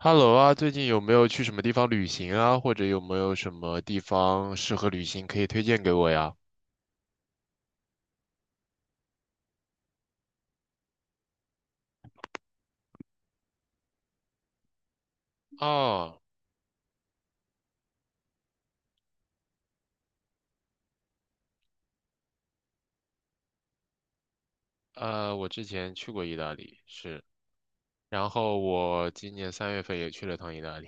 Hello 啊，最近有没有去什么地方旅行啊？或者有没有什么地方适合旅行可以推荐给我呀？哦，我之前去过意大利，是，然后我今年三月份也去了趟意大利。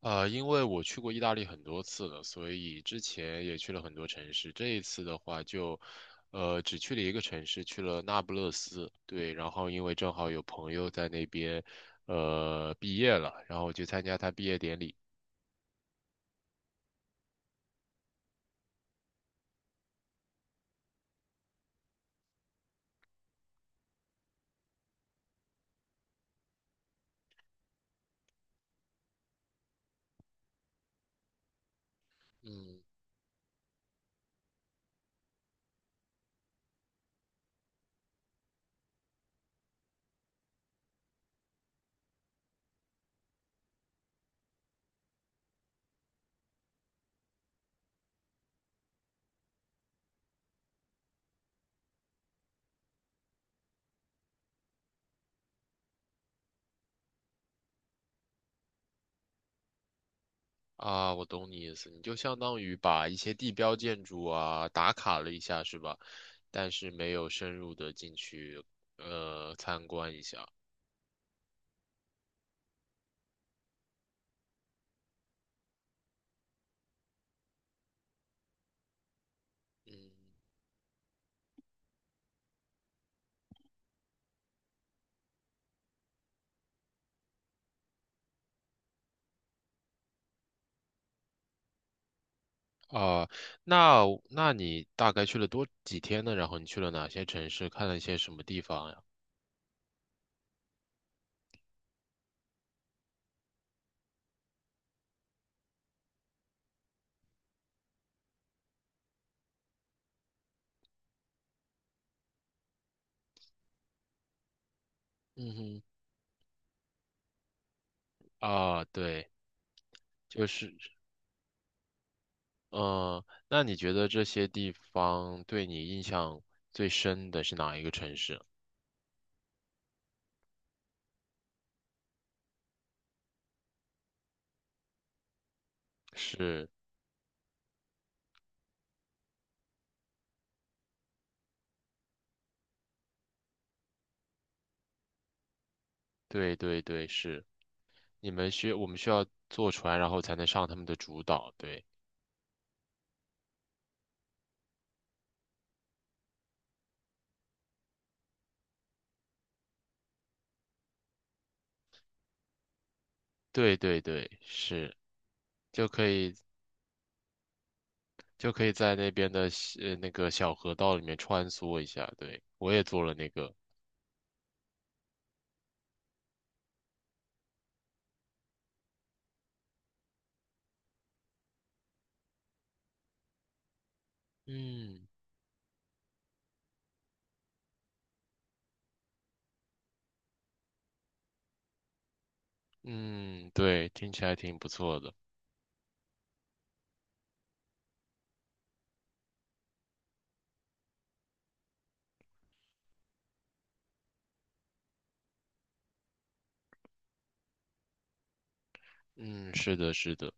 因为我去过意大利很多次了，所以之前也去了很多城市。这一次的话就，只去了一个城市，去了那不勒斯。对，然后因为正好有朋友在那边，毕业了，然后我去参加他毕业典礼。嗯。啊，我懂你意思，你就相当于把一些地标建筑啊打卡了一下，是吧？但是没有深入的进去，参观一下。嗯。啊，那你大概去了多几天呢？然后你去了哪些城市，看了一些什么地方呀？嗯哼。啊，对。就是，呃，那你觉得这些地方对你印象最深的是哪一个城市？是。对对对，是。你们需我们需要坐船，然后才能上他们的主岛。对。对对对，是。就可以就可以在那边的那个小河道里面穿梭一下。对，我也做了那个。嗯。嗯，对，听起来挺不错的。嗯，是的，是的。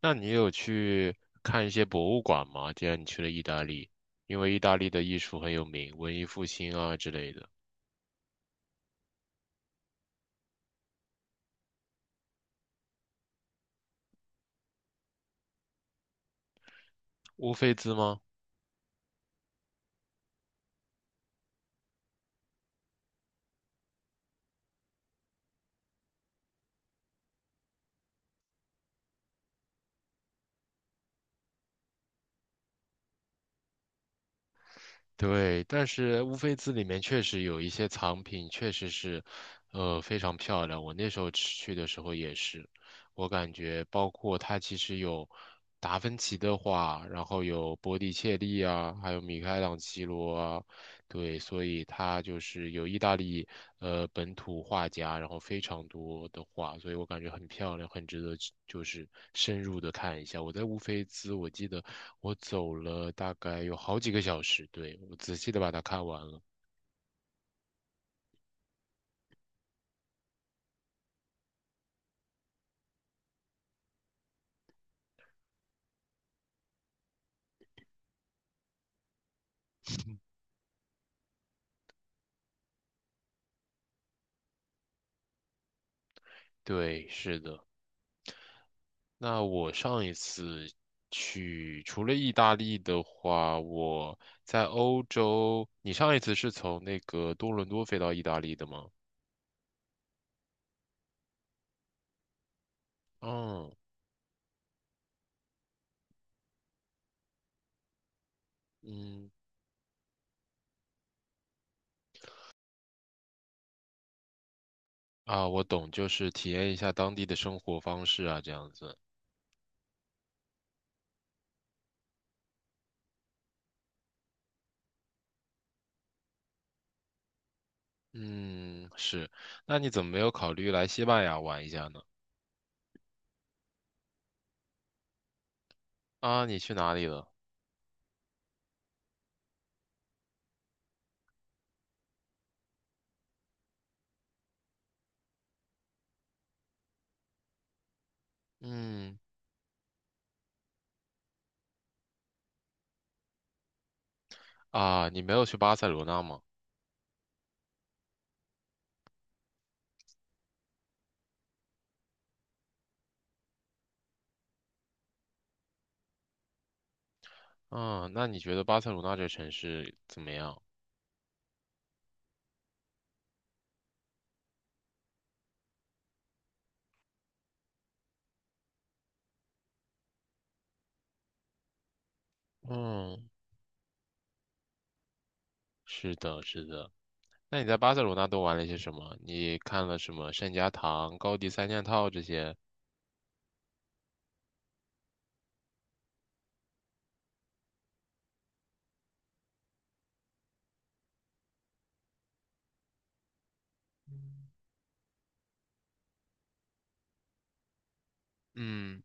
那你有去看一些博物馆吗？既然你去了意大利，因为意大利的艺术很有名，文艺复兴啊之类的。乌菲兹吗？对，但是乌菲兹里面确实有一些藏品，确实是，非常漂亮。我那时候去的时候也是，我感觉包括它其实有达芬奇的画，然后有波提切利啊，还有米开朗基罗啊，对，所以他就是有意大利本土画家，然后非常多的画，所以我感觉很漂亮，很值得去就是深入的看一下。我在乌菲兹，我记得我走了大概有好几个小时，对，我仔细的把它看完了。对，是的。那我上一次去除了意大利的话，我在欧洲。你上一次是从那个多伦多飞到意大利的吗？嗯。嗯，啊，我懂，就是体验一下当地的生活方式啊，这样子。嗯，是。那你怎么没有考虑来西班牙玩一下呢？啊，你去哪里了？嗯。啊，你没有去巴塞罗那吗？嗯，那你觉得巴塞罗那这城市怎么样？嗯，是的，是的。那你在巴塞罗那都玩了些什么？你看了什么圣家堂、高迪三件套这些？嗯。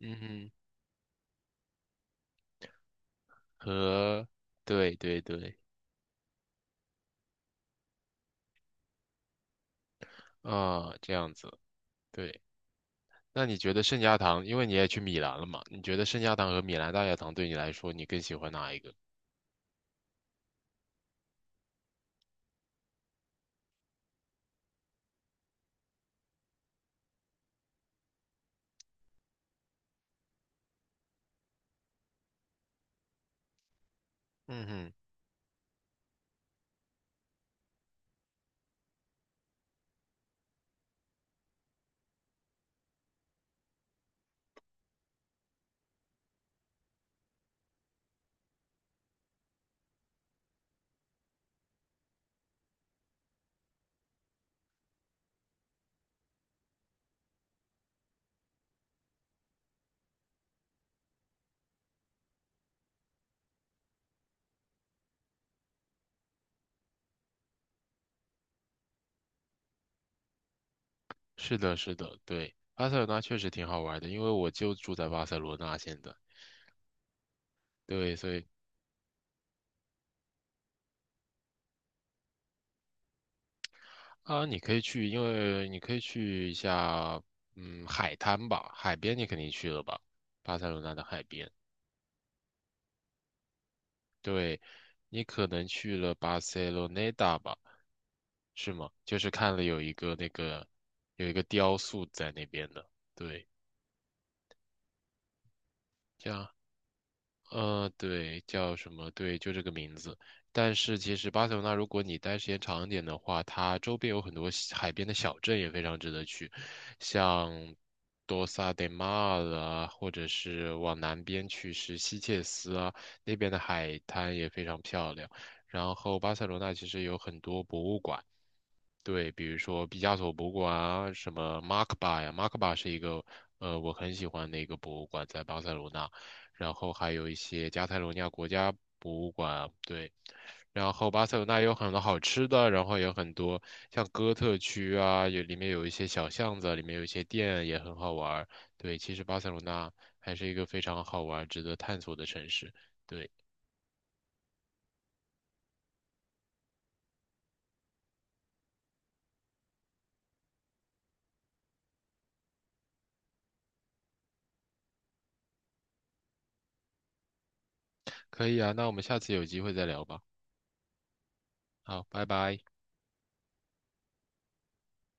嗯，和对对对。啊，这样子。对。那你觉得圣家堂，因为你也去米兰了嘛？你觉得圣家堂和米兰大教堂对你来说，你更喜欢哪一个？嗯哼。是的，是的，对，巴塞罗那确实挺好玩的，因为我就住在巴塞罗那现在。对，所以啊，你可以去，因为你可以去一下，嗯，海滩吧，海边你肯定去了吧？巴塞罗那的海边。对，你可能去了巴塞罗那达吧？是吗？就是看了有一个那个有一个雕塑在那边的。对。这样。对，叫什么？对，就这个名字。但是其实巴塞罗那，如果你待时间长一点的话，它周边有很多小海边的小镇也非常值得去，像多萨德马尔啊，或者是往南边去是西切斯啊，那边的海滩也非常漂亮。然后巴塞罗那其实有很多博物馆。对，比如说毕加索博物馆啊，什么马克巴呀，马克巴是一个我很喜欢的一个博物馆，在巴塞罗那。然后还有一些加泰罗尼亚国家博物馆，对。然后巴塞罗那也有很多好吃的，然后也有很多像哥特区啊，有里面有一些小巷子，里面有一些店也很好玩儿。对，其实巴塞罗那还是一个非常好玩儿值得探索的城市。对，可以啊，那我们下次有机会再聊吧。好，拜拜。